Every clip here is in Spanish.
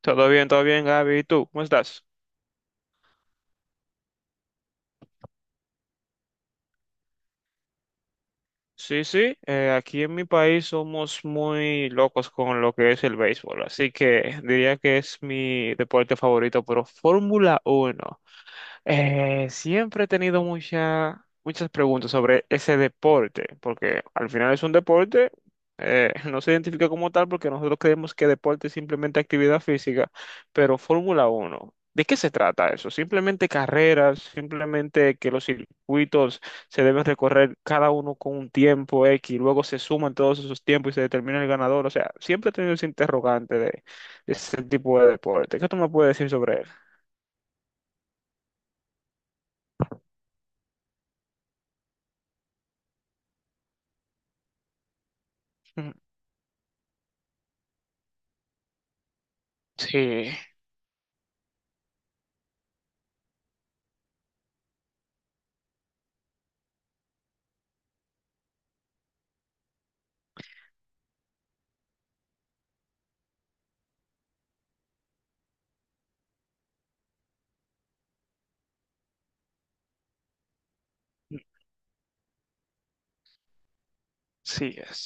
Todo bien, Gaby. ¿Y tú? ¿Cómo estás? Sí, sí. Aquí en mi país somos muy locos con lo que es el béisbol, así que diría que es mi deporte favorito, pero Fórmula uno. Siempre he tenido muchas preguntas sobre ese deporte, porque al final es un deporte, no se identifica como tal porque nosotros creemos que deporte es simplemente actividad física, pero Fórmula uno, ¿de qué se trata eso? ¿Simplemente carreras? ¿Simplemente que los circuitos se deben recorrer cada uno con un tiempo X, y luego se suman todos esos tiempos y se determina el ganador? O sea, siempre he tenido ese interrogante de ese tipo de deporte. ¿Qué tú me puedes decir sobre él? Sí. Sí, es.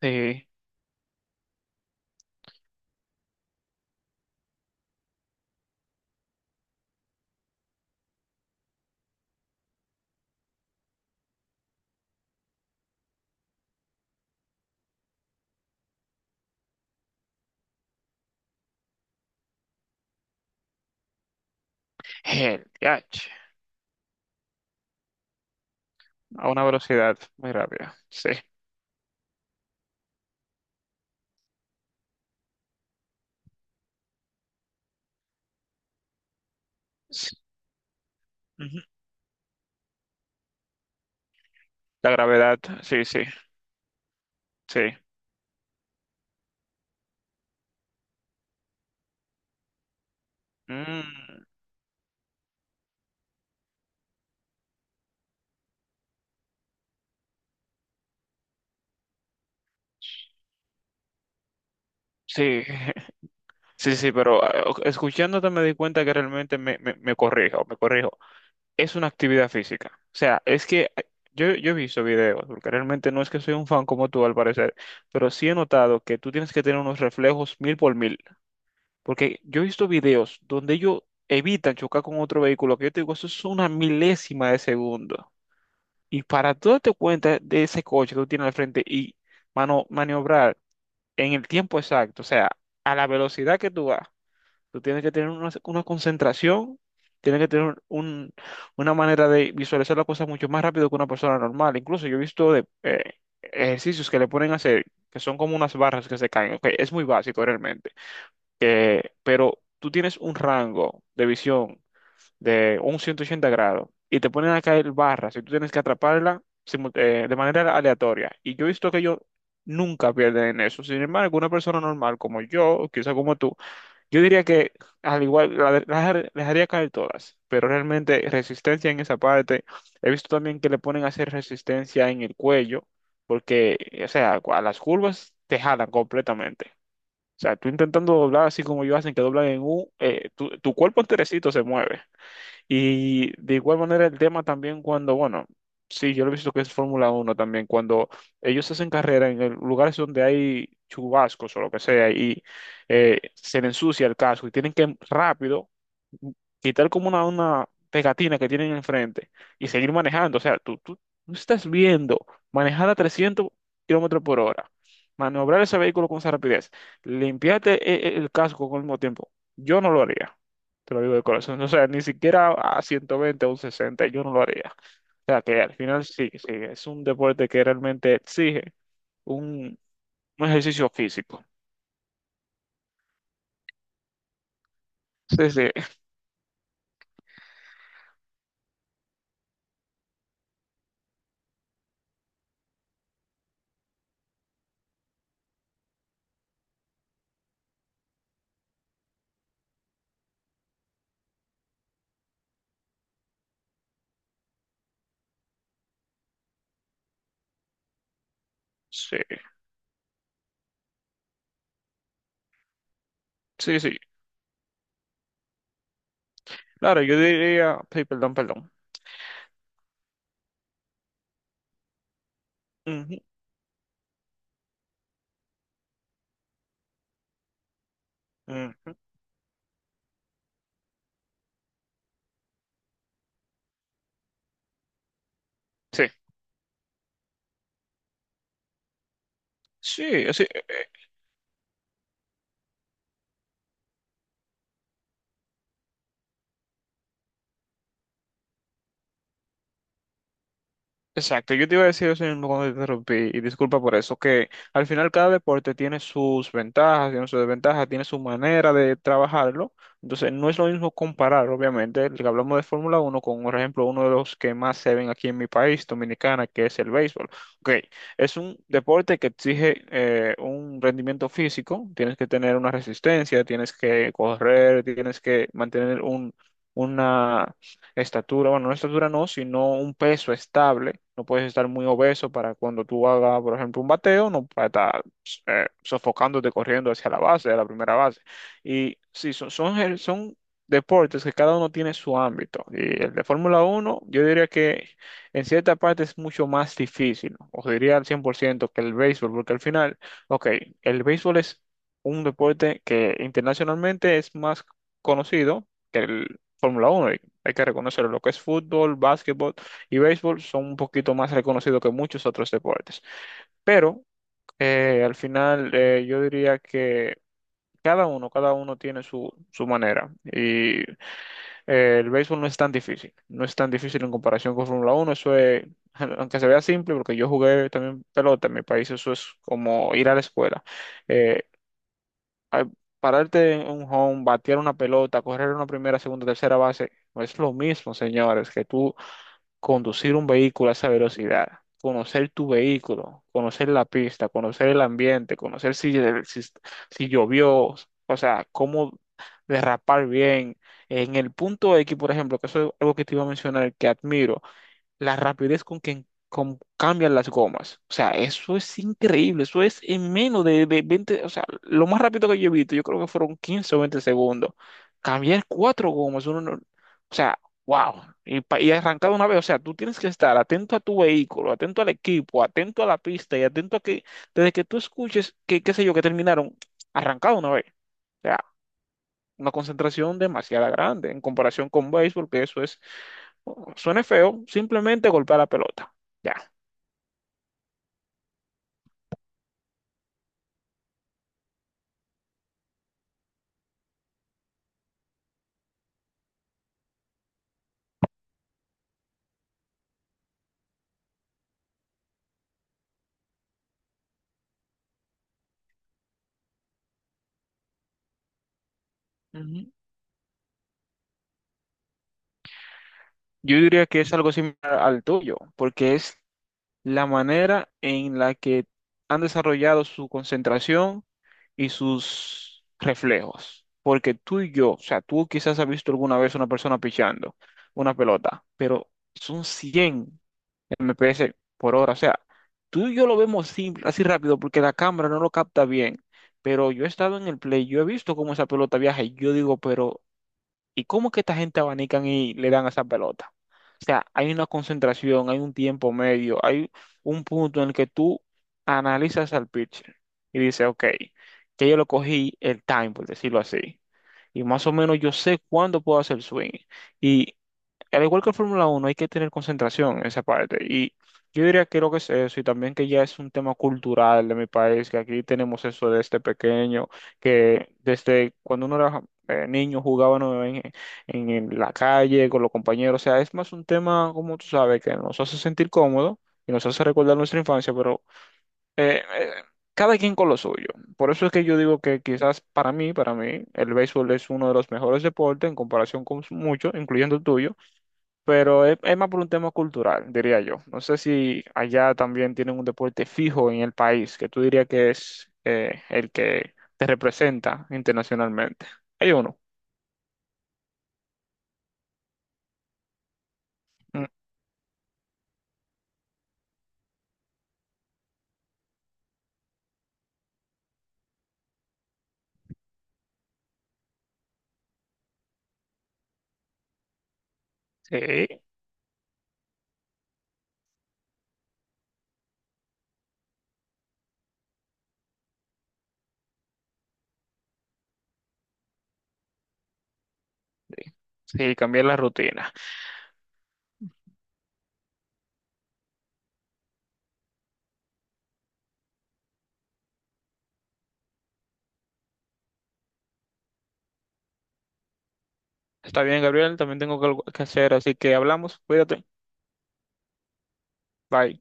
Sí. El DH. A una velocidad muy rápida. Sí. Sí. Ujú. La gravedad, sí, sí, sí. Mm, sí, sí, sí, pero escuchándote me di cuenta que realmente me corrijo, me corrijo. Es una actividad física. O sea, es que yo he visto videos, porque realmente no es que soy un fan como tú al parecer, pero sí he notado que tú tienes que tener unos reflejos mil por mil. Porque yo he visto videos donde ellos evitan chocar con otro vehículo, que yo te digo, eso es una milésima de segundo. Y para tú darte cuenta de ese coche que tú tienes al frente y mano, maniobrar en el tiempo exacto, o sea, a la velocidad que tú vas, tú tienes que tener una concentración, tienes que tener una manera de visualizar las cosas mucho más rápido que una persona normal. Incluso yo he visto de, ejercicios que le ponen a hacer, que son como unas barras que se caen. Ok, es muy básico realmente, pero tú tienes un rango de visión de un 180 grados y te ponen a caer barras y tú tienes que atraparla de manera aleatoria. Y yo he visto que ellos nunca pierden en eso. Sin embargo, una persona normal como yo, o quizá como tú, yo diría que al igual la de- las dejar- las dejaría caer todas, pero realmente resistencia en esa parte. He visto también que le ponen a hacer resistencia en el cuello, porque, o sea, a las curvas te jalan completamente. O sea, tú intentando doblar así como ellos hacen que doblan en U, tu cuerpo enterecito se mueve. Y de igual manera el tema también cuando, bueno, sí, yo lo he visto que es Fórmula Uno también, cuando ellos hacen carrera en lugares donde hay chubascos o lo que sea y se le ensucia el casco y tienen que rápido quitar como una pegatina que tienen enfrente y seguir manejando. O sea, tú estás viendo manejar a 300 kilómetros por hora, maniobrar ese vehículo con esa rapidez, limpiarte el casco con el mismo tiempo. Yo no lo haría. Te lo digo de corazón. O sea, ni siquiera a 120 o un 60 yo no lo haría. O sea, que al final sí, sí, es un deporte que realmente exige un, un ejercicio físico. Sí, sí, sí, sí, sí. Claro, yo diría, sí, perdón, perdón. Ujú, ujú. Sí, sí, sí. Exacto, yo te iba a decir eso mismo cuando te interrumpí, y disculpa por eso, que al final cada deporte tiene sus ventajas, tiene sus desventajas, tiene su manera de trabajarlo, entonces no es lo mismo comparar, obviamente, el que hablamos de Fórmula Uno con, por ejemplo, uno de los que más se ven aquí en mi país, Dominicana, que es el béisbol. Ok, es un deporte que exige un rendimiento físico, tienes que tener una resistencia, tienes que correr, tienes que mantener una estatura, bueno, no estatura no, sino un peso estable. No puedes estar muy obeso para cuando tú hagas, por ejemplo, un bateo, no para estar sofocándote corriendo hacia la base, a la primera base. Y sí, son deportes que cada uno tiene su ámbito. Y el de Fórmula uno yo diría que en cierta parte es mucho más difícil, os diría al 100% que el béisbol, porque al final, ok, el béisbol es un deporte que internacionalmente es más conocido que el Fórmula uno, hay que reconocerlo. Lo que es fútbol, básquetbol y béisbol son un poquito más reconocidos que muchos otros deportes. Pero al final yo diría que cada uno tiene su manera. Y el béisbol no es tan difícil, no es tan difícil en comparación con Fórmula uno. Eso es, aunque se vea simple, porque yo jugué también pelota en mi país, eso es como ir a la escuela. Eh, Al pararte en un home, batear una pelota, correr una primera, segunda, tercera base, no es lo mismo, señores, que tú conducir un vehículo a esa velocidad, conocer tu vehículo, conocer la pista, conocer el ambiente, conocer si, si llovió, o sea, cómo derrapar bien. En el punto X, por ejemplo, que eso es algo que te iba a mencionar, que admiro la rapidez con que cambian las gomas. O sea, eso es increíble. Eso es en menos de 20, o sea, lo más rápido que yo he visto, yo creo que fueron 15 o 20 segundos. Cambiar cuatro gomas, uno no- o sea, wow. Y, y arrancar de una vez, o sea, tú tienes que estar atento a tu vehículo, atento al equipo, atento a la pista y atento a que, desde que tú escuches que, qué sé yo, que terminaron, arrancado una vez. O sea, una concentración demasiado grande en comparación con béisbol, que eso es. Suena feo, simplemente golpea la pelota. Ya. Ujú. Yo diría que es algo similar al tuyo, porque es la manera en la que han desarrollado su concentración y sus reflejos. Porque tú y yo, o sea, tú quizás has visto alguna vez una persona pichando una pelota, pero son 100 mph por hora. O sea, tú y yo lo vemos simple, así rápido porque la cámara no lo capta bien. Pero yo he estado en el play, yo he visto cómo esa pelota viaja y yo digo, pero ¿y cómo es que esta gente abanican y le dan a esa pelota? O sea, hay una concentración, hay un tiempo medio, hay un punto en el que tú analizas al pitcher y dices, ok, que yo lo cogí el time, por decirlo así, y más o menos yo sé cuándo puedo hacer swing. Y al igual que el Fórmula Uno, hay que tener concentración en esa parte. Y yo diría que lo que es eso, y también que ya es un tema cultural de mi país, que aquí tenemos eso desde pequeño, que desde cuando uno era niño jugaban en la calle con los compañeros. O sea, es más un tema, como tú sabes, que nos hace sentir cómodos y nos hace recordar nuestra infancia, pero eh, eh, cada quien con lo suyo. Por eso es que yo digo que quizás para mí, el béisbol es uno de los mejores deportes en comparación con muchos, incluyendo el tuyo, pero es, más por un tema cultural, diría yo. No sé si allá también tienen un deporte fijo en el país, que tú dirías que es el que te representa internacionalmente. Hay uno. Mm. Sí, sí, cambié la rutina. Está bien, Gabriel, también tengo que algo que hacer, así que hablamos, cuídate. Bye.